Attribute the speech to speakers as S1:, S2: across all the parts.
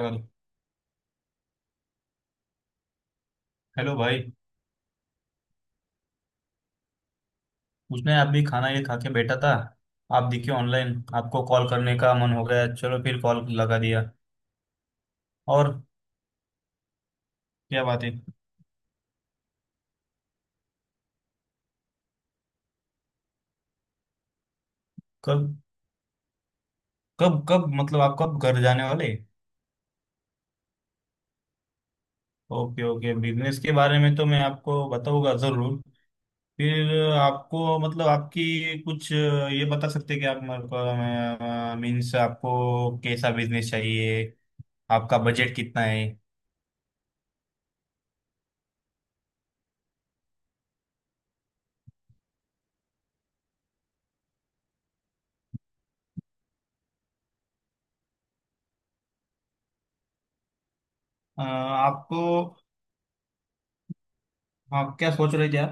S1: Hello भाई। उसने अभी खाना ये खा के बैठा था। आप दिखे ऑनलाइन, आपको कॉल करने का मन हो गया, चलो फिर कॉल लगा दिया। और क्या बात है। कब कब कब मतलब आप कब घर जाने वाले। ओके ओके, बिजनेस के बारे में तो मैं आपको बताऊंगा जरूर। फिर आपको मतलब आपकी कुछ ये बता सकते हैं कि आप मेरे को मीन्स आपको कैसा बिजनेस चाहिए, आपका बजट कितना है। आपको आप क्या सोच रहे थे।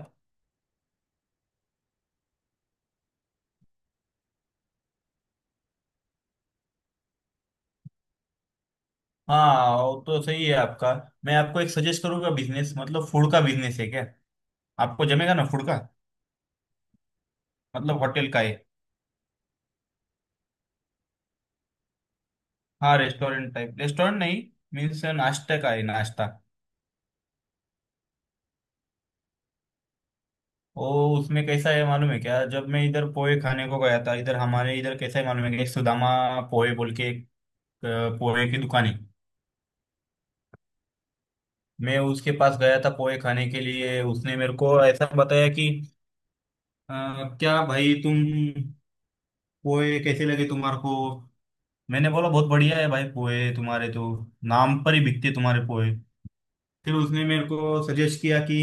S1: हाँ वो तो सही है आपका। मैं आपको एक सजेस्ट करूंगा, बिजनेस मतलब फूड का बिजनेस है क्या। आपको जमेगा ना फूड का। मतलब होटल का है। हाँ रेस्टोरेंट टाइप, रेस्टोरेंट नहीं। मीन्स नाश्ता का है, नाश्ता। ओ उसमें कैसा है मालूम है क्या, जब मैं इधर पोहे खाने को गया था इधर, हमारे इधर कैसा है मालूम है क्या, एक सुदामा पोहे बोल के एक अ, पोहे की दुकान है। मैं उसके पास गया था पोहे खाने के लिए, उसने मेरे को ऐसा बताया कि अ, क्या भाई तुम पोहे कैसे लगे तुम्हारे को। मैंने बोला बहुत बढ़िया है भाई, पोहे तुम्हारे तो नाम पर ही बिकते तुम्हारे पोहे। फिर उसने मेरे को सजेस्ट किया कि,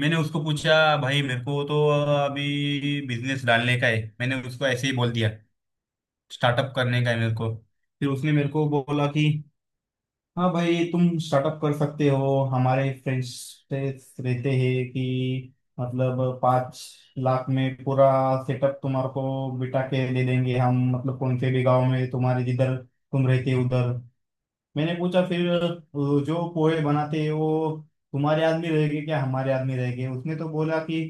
S1: मैंने उसको पूछा भाई मेरे को तो अभी बिजनेस डालने का है, मैंने उसको ऐसे ही बोल दिया स्टार्टअप करने का है मेरे को। फिर उसने मेरे को बोला कि हाँ भाई तुम स्टार्टअप कर सकते हो, हमारे फ्रेंड्स रहते हैं कि मतलब 5 लाख में पूरा सेटअप तुम्हारे को बिठा के दे देंगे हम, मतलब कौन से भी गांव में तुम्हारे जिधर तुम रहते हो उधर। मैंने पूछा फिर जो पोहे बनाते हैं वो तुम्हारे आदमी रहेंगे क्या हमारे आदमी रहेंगे, उसने तो बोला कि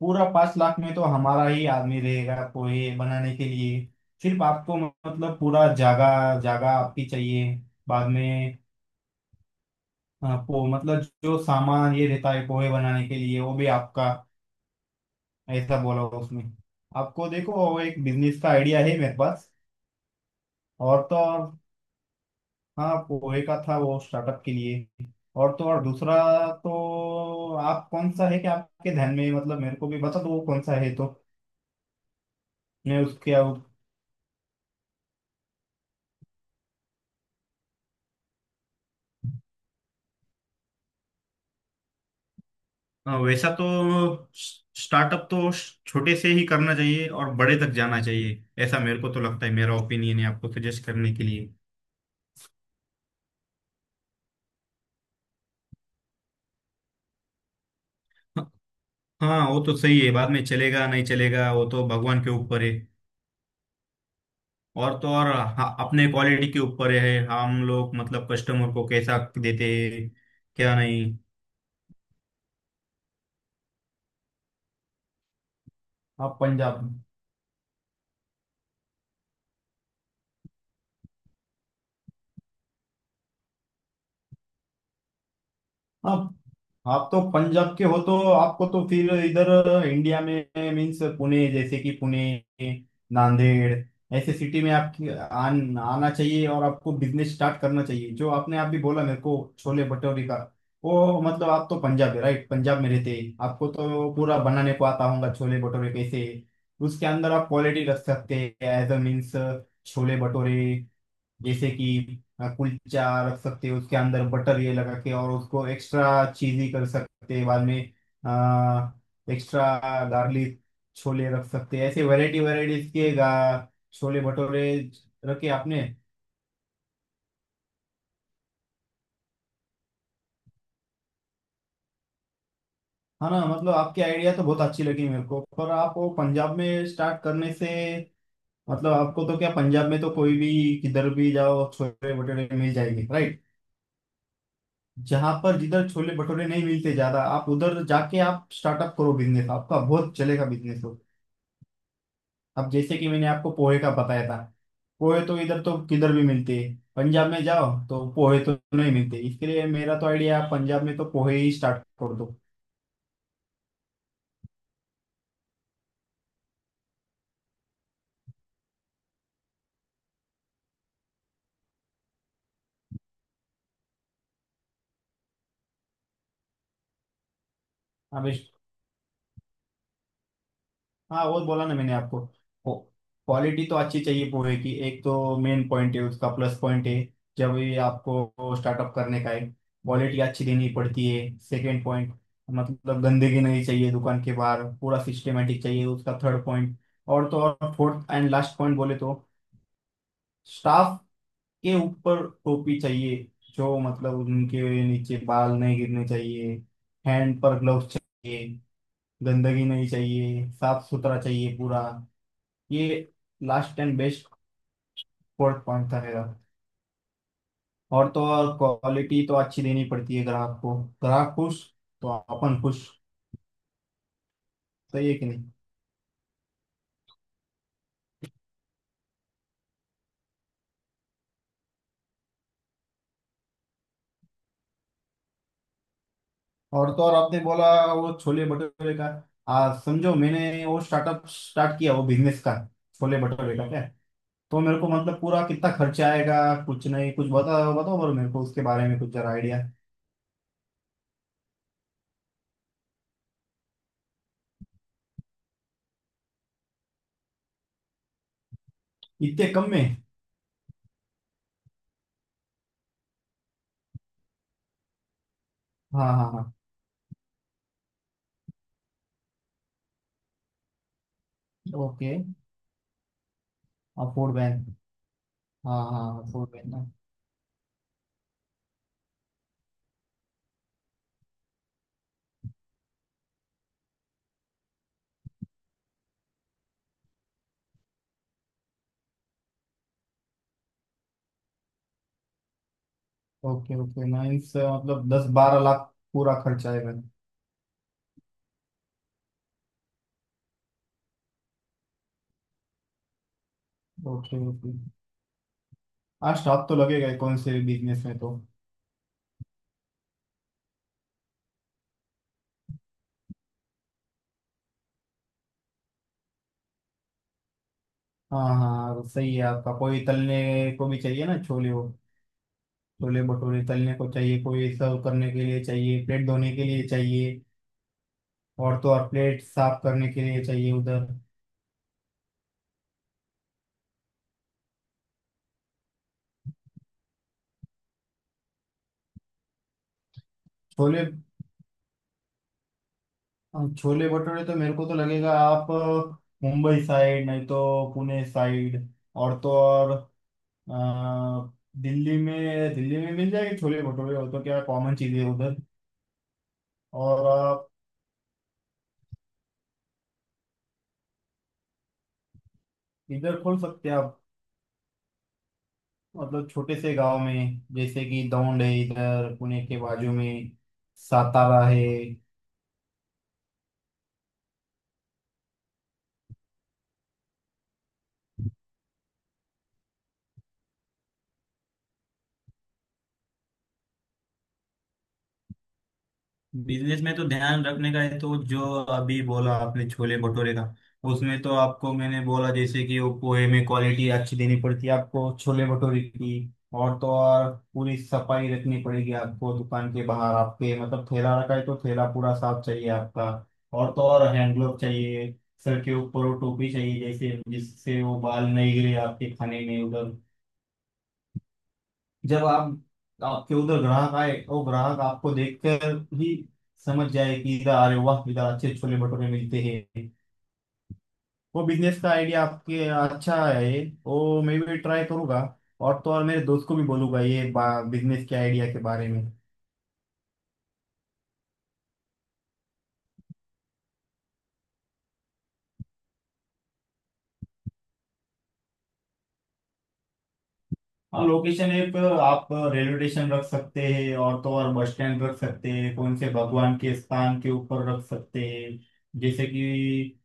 S1: पूरा 5 लाख में तो हमारा ही आदमी रहेगा पोहे बनाने के लिए, सिर्फ आपको मतलब पूरा जगह जगह आपकी चाहिए। बाद में अ, पो मतलब जो सामान ये रहता है पोहे बनाने के लिए वो भी आपका, ऐसा बोला उसने। आपको देखो वो एक बिजनेस का आइडिया है मेरे पास। और तो और हाँ, पोहे का था वो स्टार्टअप के लिए। और तो और दूसरा, तो आप कौन सा है कि आपके ध्यान में मतलब मेरे को भी बता दो वो कौन सा है तो। मैं उसके अब- हाँ, वैसा तो स्टार्टअप तो छोटे से ही करना चाहिए और बड़े तक जाना चाहिए, ऐसा मेरे को तो लगता है, मेरा ओपिनियन है आपको सजेस्ट करने के लिए। हाँ वो तो सही है, बाद में चलेगा नहीं चलेगा वो तो भगवान के ऊपर है। और तो और हाँ, अपने क्वालिटी के ऊपर है, हम लोग मतलब कस्टमर को कैसा देते हैं क्या नहीं। आप पंजाब में, आप आप तो पंजाब के हो, तो आपको तो फिर इधर इंडिया में मीन्स पुणे जैसे कि पुणे, नांदेड़, ऐसे सिटी में आपकी आना चाहिए और आपको बिजनेस स्टार्ट करना चाहिए। जो आपने आप भी बोला मेरे को छोले भटूरे का, वो मतलब आप तो पंजाब है राइट, पंजाब में रहते हैं आपको तो पूरा बनाने को आता होगा छोले भटूरे कैसे। उसके अंदर आप क्वालिटी रख सकते हैं as uh means, chole bhature जैसे कि कुलचा रख सकते हो उसके अंदर बटर ये लगा के, और उसको एक्स्ट्रा चीजी कर सकते हैं बाद में, एक्स्ट्रा गार्लिक छोले रख सकते हैं, ऐसे वैरायटी वैरायटीज के छोले भटूरे रखे आपने। हाँ ना, मतलब आपकी आइडिया तो बहुत अच्छी लगी मेरे को, पर आप वो पंजाब में स्टार्ट करने से मतलब आपको तो क्या, पंजाब में तो कोई भी किधर भी जाओ छोले भटूरे मिल जाएंगे राइट। जहां पर जिधर छोले भटूरे नहीं मिलते ज्यादा, आप उधर जाके आप स्टार्टअप करो बिजनेस आपका बहुत चलेगा बिजनेस। हो अब जैसे कि मैंने आपको पोहे का बताया था, पोहे तो इधर तो किधर भी मिलते हैं, पंजाब में जाओ तो पोहे तो नहीं मिलते, इसके लिए मेरा तो आइडिया आप पंजाब में तो पोहे ही स्टार्ट कर दो। आप हाँ वो बोला ना मैंने आपको, क्वालिटी तो अच्छी चाहिए पोहे की, एक तो मेन पॉइंट है उसका, प्लस पॉइंट है। जब ये आपको स्टार्टअप करने का है क्वालिटी अच्छी देनी पड़ती है, सेकंड पॉइंट मतलब गंदगी नहीं चाहिए दुकान के बाहर, पूरा सिस्टमेटिक चाहिए उसका, थर्ड पॉइंट। और तो और फोर्थ एंड लास्ट पॉइंट बोले तो स्टाफ के ऊपर टोपी चाहिए जो मतलब उनके नीचे बाल नहीं गिरने चाहिए, हैंड पर ग्लव्स चाहिए, गंदगी नहीं चाहिए, साफ सुथरा चाहिए पूरा, ये last and best fourth point था मेरा। और तो और क्वालिटी तो अच्छी देनी पड़ती है ग्राहक को, ग्राहक खुश तो अपन खुश। सही है कि नहीं। और तो और आपने बोला वो छोले भटूरे का, समझो मैंने वो स्टार्टअप स्टार्ट किया, वो बिजनेस का छोले भटूरे का क्या, तो मेरे को मतलब पूरा कितना खर्चा आएगा, कुछ नहीं कुछ बताओ बताओ, और मेरे को उसके बारे में कुछ जरा आइडिया। इतने कम में। हाँ हाँ हाँ। ओके। और फूड बैंक। हाँ हाँ food bank. Okay okay nice, मतलब 10-12 लाख पूरा खर्च आएगा। Okay okay. हाँ स्टाफ तो लगेगा ही कौन से बिजनेस में तो। हाँ हाँ हाँ, सही है आपका, कोई तलने को भी चाहिए ना छोले हो। छोले भटूरे तलने को चाहिए, कोई सर्व करने के लिए चाहिए, प्लेट धोने के लिए चाहिए। और तो और प्लेट साफ करने के लिए चाहिए उधर। छोले छोले भटूरे तो मेरे को तो लगेगा आप मुंबई साइड नहीं तो पुणे साइड। और तो और अ, दिल्ली में मिल जाएगी छोले भटूरे, और तो क्या कॉमन चीज़ है उधर। और आप इधर खोल सकते हैं आप, मतलब छोटे से गांव में जैसे कि दौंड है इधर पुणे के बाजू में, सातारा है। बिजनेस में तो ध्यान रखने का है तो जो अभी बोला आपने छोले भटूरे का, उसमें तो आपको मैंने बोला जैसे कि वो पोहे में क्वालिटी अच्छी देनी पड़ती है आपको छोले भटूरे की। और तो और पूरी सफाई रखनी पड़ेगी आपको, दुकान के बाहर आपके मतलब ठेला रखा है तो ठेला पूरा साफ चाहिए आपका। और तो और हैंड ग्लोव चाहिए, सर के ऊपर वो टोपी चाहिए जैसे, जिससे वो बाल नहीं गिरे आपके खाने में उधर। जब आप आपके उधर ग्राहक आए, तो ग्राहक आपको देखकर ही समझ जाए कि इधर, अरे वाह इधर अच्छे छोले भटूरे मिलते हैं। वो बिजनेस का आइडिया आपके अच्छा है, वो मैं भी ट्राई करूंगा, और तो और मेरे दोस्त को भी बोलूंगा ये बिजनेस के आइडिया के बारे में। हाँ लोकेशन ऐप आप रेलवे स्टेशन रख सकते हैं, और तो और बस स्टैंड रख सकते हैं, कौन से भगवान के स्थान के ऊपर रख सकते हैं जैसे कि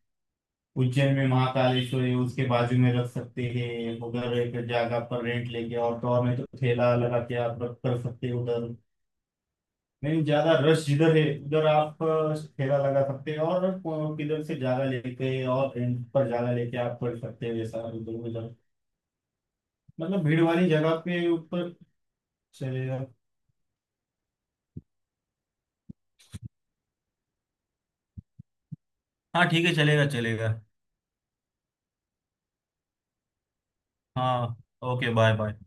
S1: उज्जैन में महाकालेश्वरी, उसके बाजू में रख सकते हैं उधर एक जगह पर रेंट लेके, और तो और नहीं तो ठेला लगा के आप रख कर सकते हैं उधर। नहीं, ज्यादा रश जिधर है उधर आप ठेला लगा सकते हैं, और किधर से जगह लेके और रेंट पर जगह लेके आप कर सकते हैं वैसा उधर उधर, मतलब भीड़ वाली जगह पे ऊपर। चलेगा। हाँ ठीक है, चलेगा चलेगा। हाँ ओके, बाय बाय।